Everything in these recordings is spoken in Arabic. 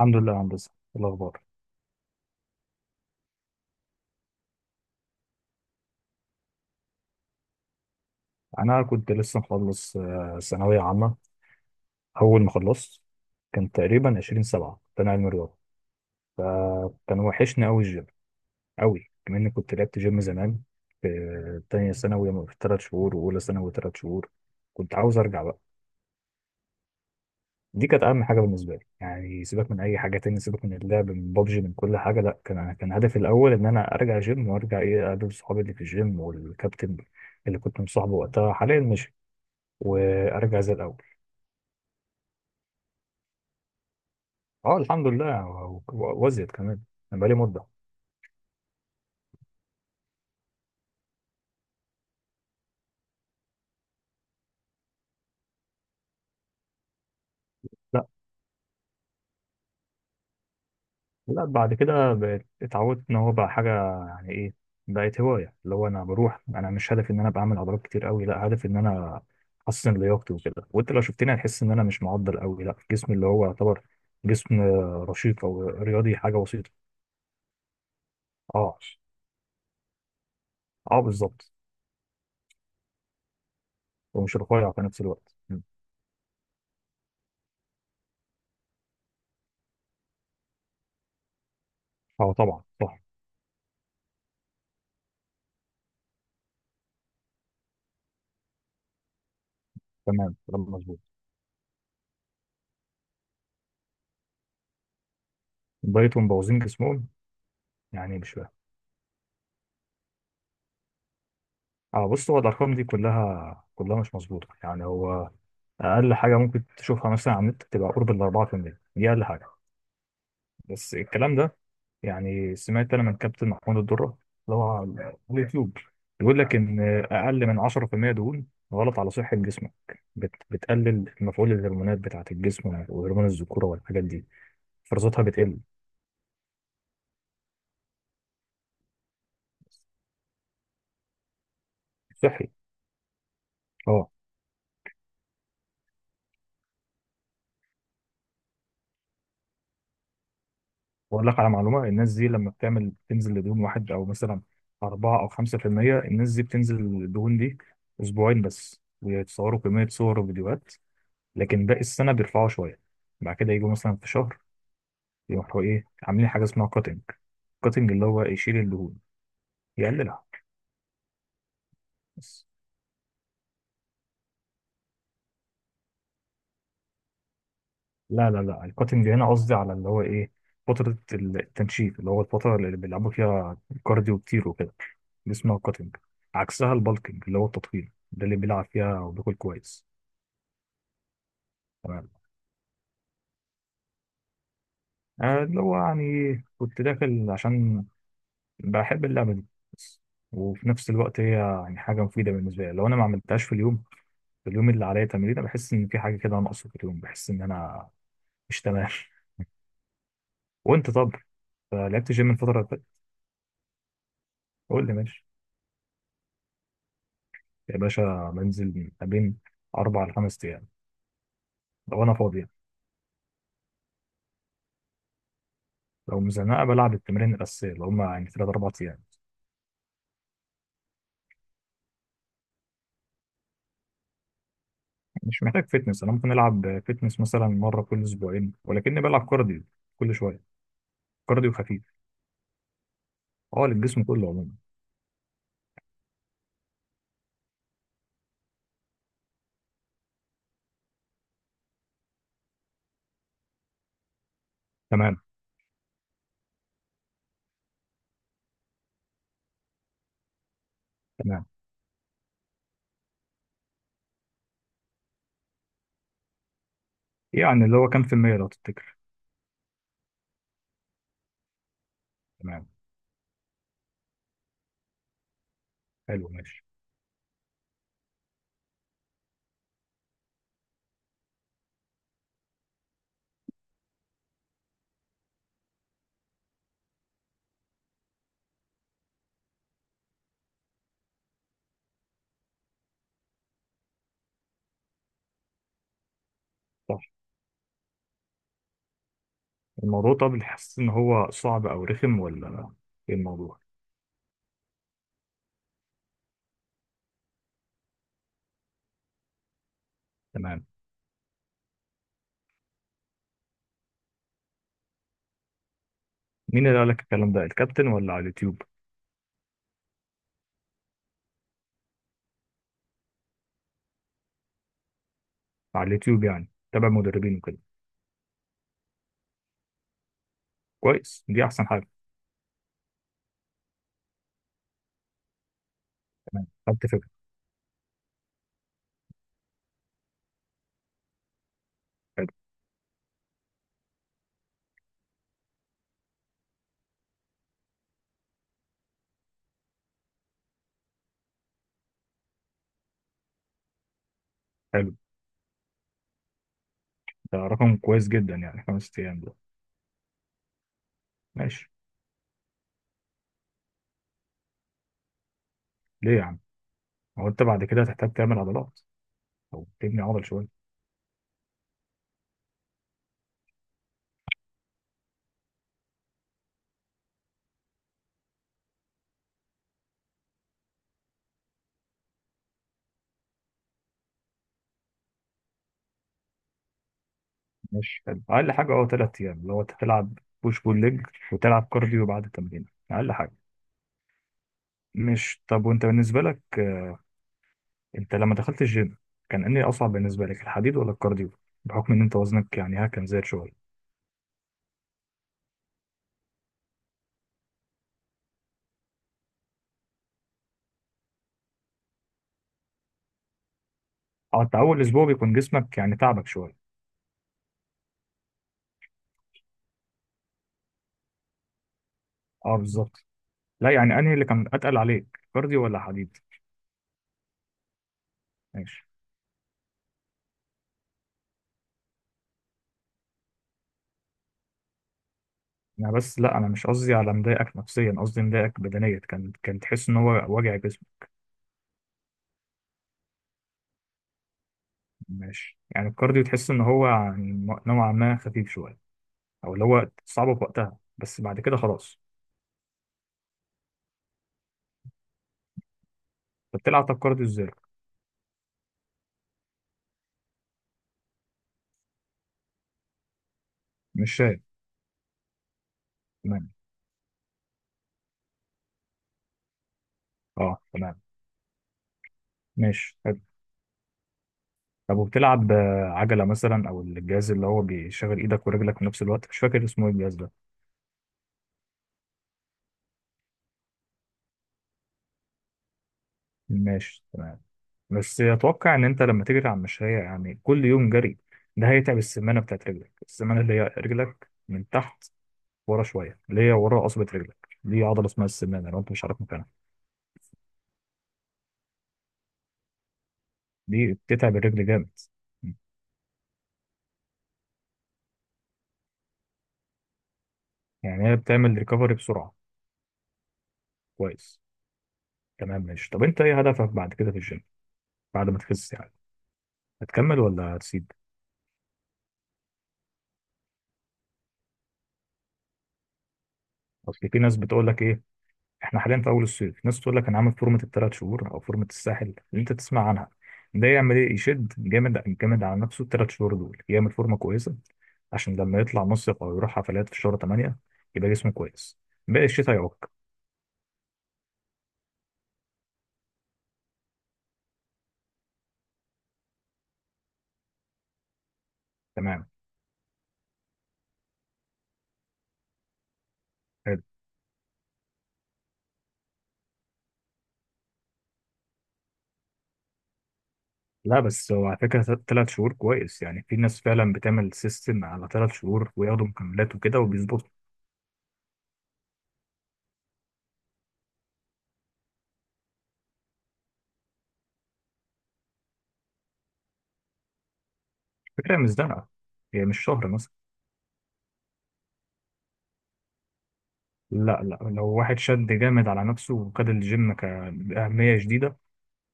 الحمد لله يا هندسة، إيه الأخبار؟ أنا كنت لسه مخلص ثانوية عامة. أول ما خلصت كان تقريبا 20 سبعة، كان علم رياضة. كان وحشني أوي الجيم أوي، كمان إني كنت لعبت جيم زمان في تانية ثانوي في 3 شهور، وأولى ثانوي 3 شهور. كنت عاوز أرجع بقى. دي كانت أهم حاجة بالنسبة لي، يعني سيبك من أي حاجة تاني، سيبك من اللعب، من بابجي، من كل حاجة. لأ، كان هدفي الأول إن أنا أرجع جيم، وأرجع إيه، أقابل صحابي اللي في الجيم، والكابتن اللي كنت مصاحبه وقتها، حاليا مشي. وأرجع زي الأول. اه الحمد لله، وازيد كمان. أنا بقالي مدة. لا لا، بعد كده بقيت اتعودت ان هو بقى حاجة، يعني ايه، بقت هواية. اللي هو انا بروح، انا مش هدفي ان انا بعمل عضلات كتير قوي، لا هدفي ان انا احسن لياقتي وكده. وانت لو شفتني هتحس ان انا مش معضل قوي، لا جسمي اللي هو يعتبر جسم رشيق او رياضي، حاجة بسيطة. اه اه، بالظبط. ومش رفيع في نفس الوقت. م. اه طبعا صح. تمام، كلام مظبوط. دايتهم مبوظين جسمهم. يعني مش، اه بص، هو الارقام دي كلها كلها مش مظبوطه. يعني هو اقل حاجه ممكن تشوفها مثلا على النت تبقى قرب ال 4%. دي اقل حاجه. بس الكلام ده، يعني سمعت انا من كابتن محمود الدره اللي هو على اليوتيوب، بيقول لك ان اقل من 10% دهون غلط على صحه جسمك. بتقلل مفعول الهرمونات بتاعه الجسم، وهرمون الذكوره، والحاجات دي فرصتها بتقل. صحي. اه. بقول لك على معلومه، الناس دي لما بتعمل، بتنزل لدهون واحد، او مثلا 4 أو 5%. الناس دي بتنزل الدهون دي أسبوعين بس، ويتصوروا كمية صور وفيديوهات، لكن باقي السنة بيرفعوا شوية. بعد كده يجوا مثلا في شهر، يروحوا إيه، عاملين حاجة اسمها كاتنج. كاتنج اللي هو يشيل الدهون، يقللها بس. لا لا لا، الكاتنج هنا قصدي على اللي هو ايه، فترة التنشيف، اللي هو الفترة اللي بيلعبوا فيها كارديو كتير وكده. دي اسمها كاتنج. عكسها البالكنج، اللي هو التطويل ده اللي بيلعب فيها وبياكل كويس. تمام. اللي هو يعني كنت داخل عشان بحب اللعبة دي بس. وفي نفس الوقت هي يعني حاجة مفيدة بالنسبة لي. لو أنا ما عملتهاش في اليوم، في اليوم اللي عليا تمرين، أنا بحس إن في حاجة كده ناقصة في اليوم، بحس إن أنا مش تمام. وأنت طب، لعبت جيم الفترة اللي فاتت؟ قول لي ماشي. يا باشا، بنزل من ما بين 4 ل5 أيام لو أنا فاضي. لو مزنقة بلعب التمرين الأساسية، اللي هما يعني تلات أربع أيام. مش محتاج فتنس، أنا ممكن ألعب فتنس مثلا مرة كل أسبوعين، ولكني بلعب كارديو كل شوية، كارديو خفيف. أه، للجسم كله عموما. تمام تمام، يعني اللي هو كام في المية لو تفتكر؟ تمام. حلو ماشي. صح. الموضوع طب، حاسس إن هو صعب أو رخم، ولا إيه الموضوع؟ تمام. مين اللي قال لك الكلام ده، الكابتن ولا على اليوتيوب؟ على اليوتيوب، يعني تابع مدربين وكده؟ كويس، دي أحسن حاجة. تمام. خدت فكرة. حلو. حلو، ده رقم كويس جدا، يعني خمس أيام ده. ماشي، ليه يا عم؟ هو أنت بعد كده هتحتاج تعمل عضلات، أو تبني عضل شوية. ماشي حلو، أقل حاجة أه تلات أيام، اللي هو تلعب بوش بول ليج، وتلعب كارديو بعد التمرين. أقل حاجة. مش طب، وأنت بالنسبة لك، أنت لما دخلت الجيم كان إيه أصعب بالنسبة لك، الحديد ولا الكارديو؟ بحكم إن أنت وزنك يعني ها، كان زاد شوية. أه، أنت أول أسبوع بيكون جسمك يعني تعبك شوية. أه بالظبط. لا يعني أنهي اللي كان أتقل عليك، كارديو ولا حديد؟ ماشي. انا بس، لا انا مش قصدي على مضايقك نفسيا، قصدي مضايقك بدنيا. كان كان تحس ان هو وجع جسمك؟ ماشي، يعني الكارديو تحس ان هو يعني نوعا ما خفيف شويه، او اللي هو صعب في وقتها بس بعد كده خلاص؟ طب بتلعب، طب كارديو ازاي؟ مش شايف. تمام. اه تمام. ماشي حلو. طب وبتلعب عجله مثلا، او الجهاز اللي هو بيشغل ايدك ورجلك في نفس الوقت، مش فاكر اسمه ايه الجهاز ده؟ ماشي تمام. بس اتوقع ان انت لما تجري على المشاية يعني كل يوم جري، ده هيتعب السمانة بتاعت رجلك، السمانة اللي هي رجلك من تحت ورا شوية، اللي هي ورا قصبة رجلك، دي عضلة اسمها السمانة لو انت مش عارف مكانها. دي بتتعب الرجل جامد. يعني هي بتعمل ريكفري بسرعة. كويس. تمام ماشي. طب انت ايه هدفك بعد كده في الجيم، بعد ما تخس يعني؟ هتكمل ولا هتسيب؟ اصل في ناس بتقول لك ايه، احنا حاليا في اول الصيف، ناس تقول لك انا عامل فورمه ال3 شهور، او فورمه الساحل اللي انت تسمع عنها. ده يعمل ايه، يشد جامد جامد على نفسه ال3 شهور دول، يعمل فورمه كويسه، عشان لما يطلع مصيف او يروح حفلات في شهر 8، يبقى جسمه كويس. باقي الشتاء يعك. تمام. حلو. لا بس هو على فكره، 3 شهور كويس. يعني في ناس فعلا بتعمل سيستم على 3 شهور، وياخدوا مكملات وكده وبيظبطوا. الفكره مش ده، هي مش شهر مثلا. لا لا، لو واحد شد جامد على نفسه، وخد الجيم كأهمية شديدة،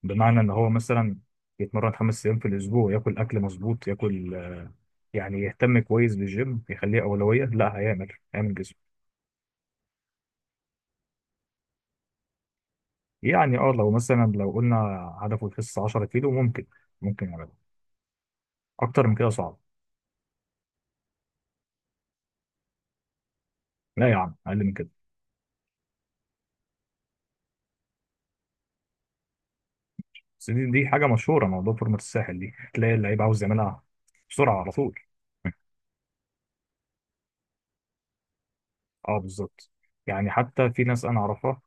بمعنى ان هو مثلا يتمرن 5 أيام في الاسبوع، ياكل اكل مظبوط، ياكل يعني يهتم كويس بالجيم، يخليه اولويه، لا هيعمل جسم. يعني اه لو مثلا، لو قلنا هدفه يخس 10 كيلو، ممكن، ممكن يعمله. اكتر من كده صعب. لا يا عم، اقل من كده. بس دي حاجه مشهوره، موضوع فورمه الساحل دي، تلاقي اللعيب عاوز يعملها بسرعه على طول. اه بالظبط. يعني حتى في ناس انا اعرفها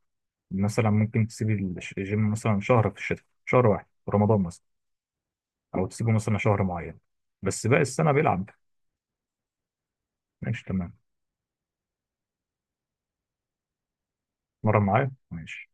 مثلا ممكن تسيب الجيم مثلا شهر في الشتاء، شهر واحد في رمضان مثلا، او تسيبه مثلا شهر معين، بس باقي السنه بيلعب. ماشي تمام. مرة معايا ماشي.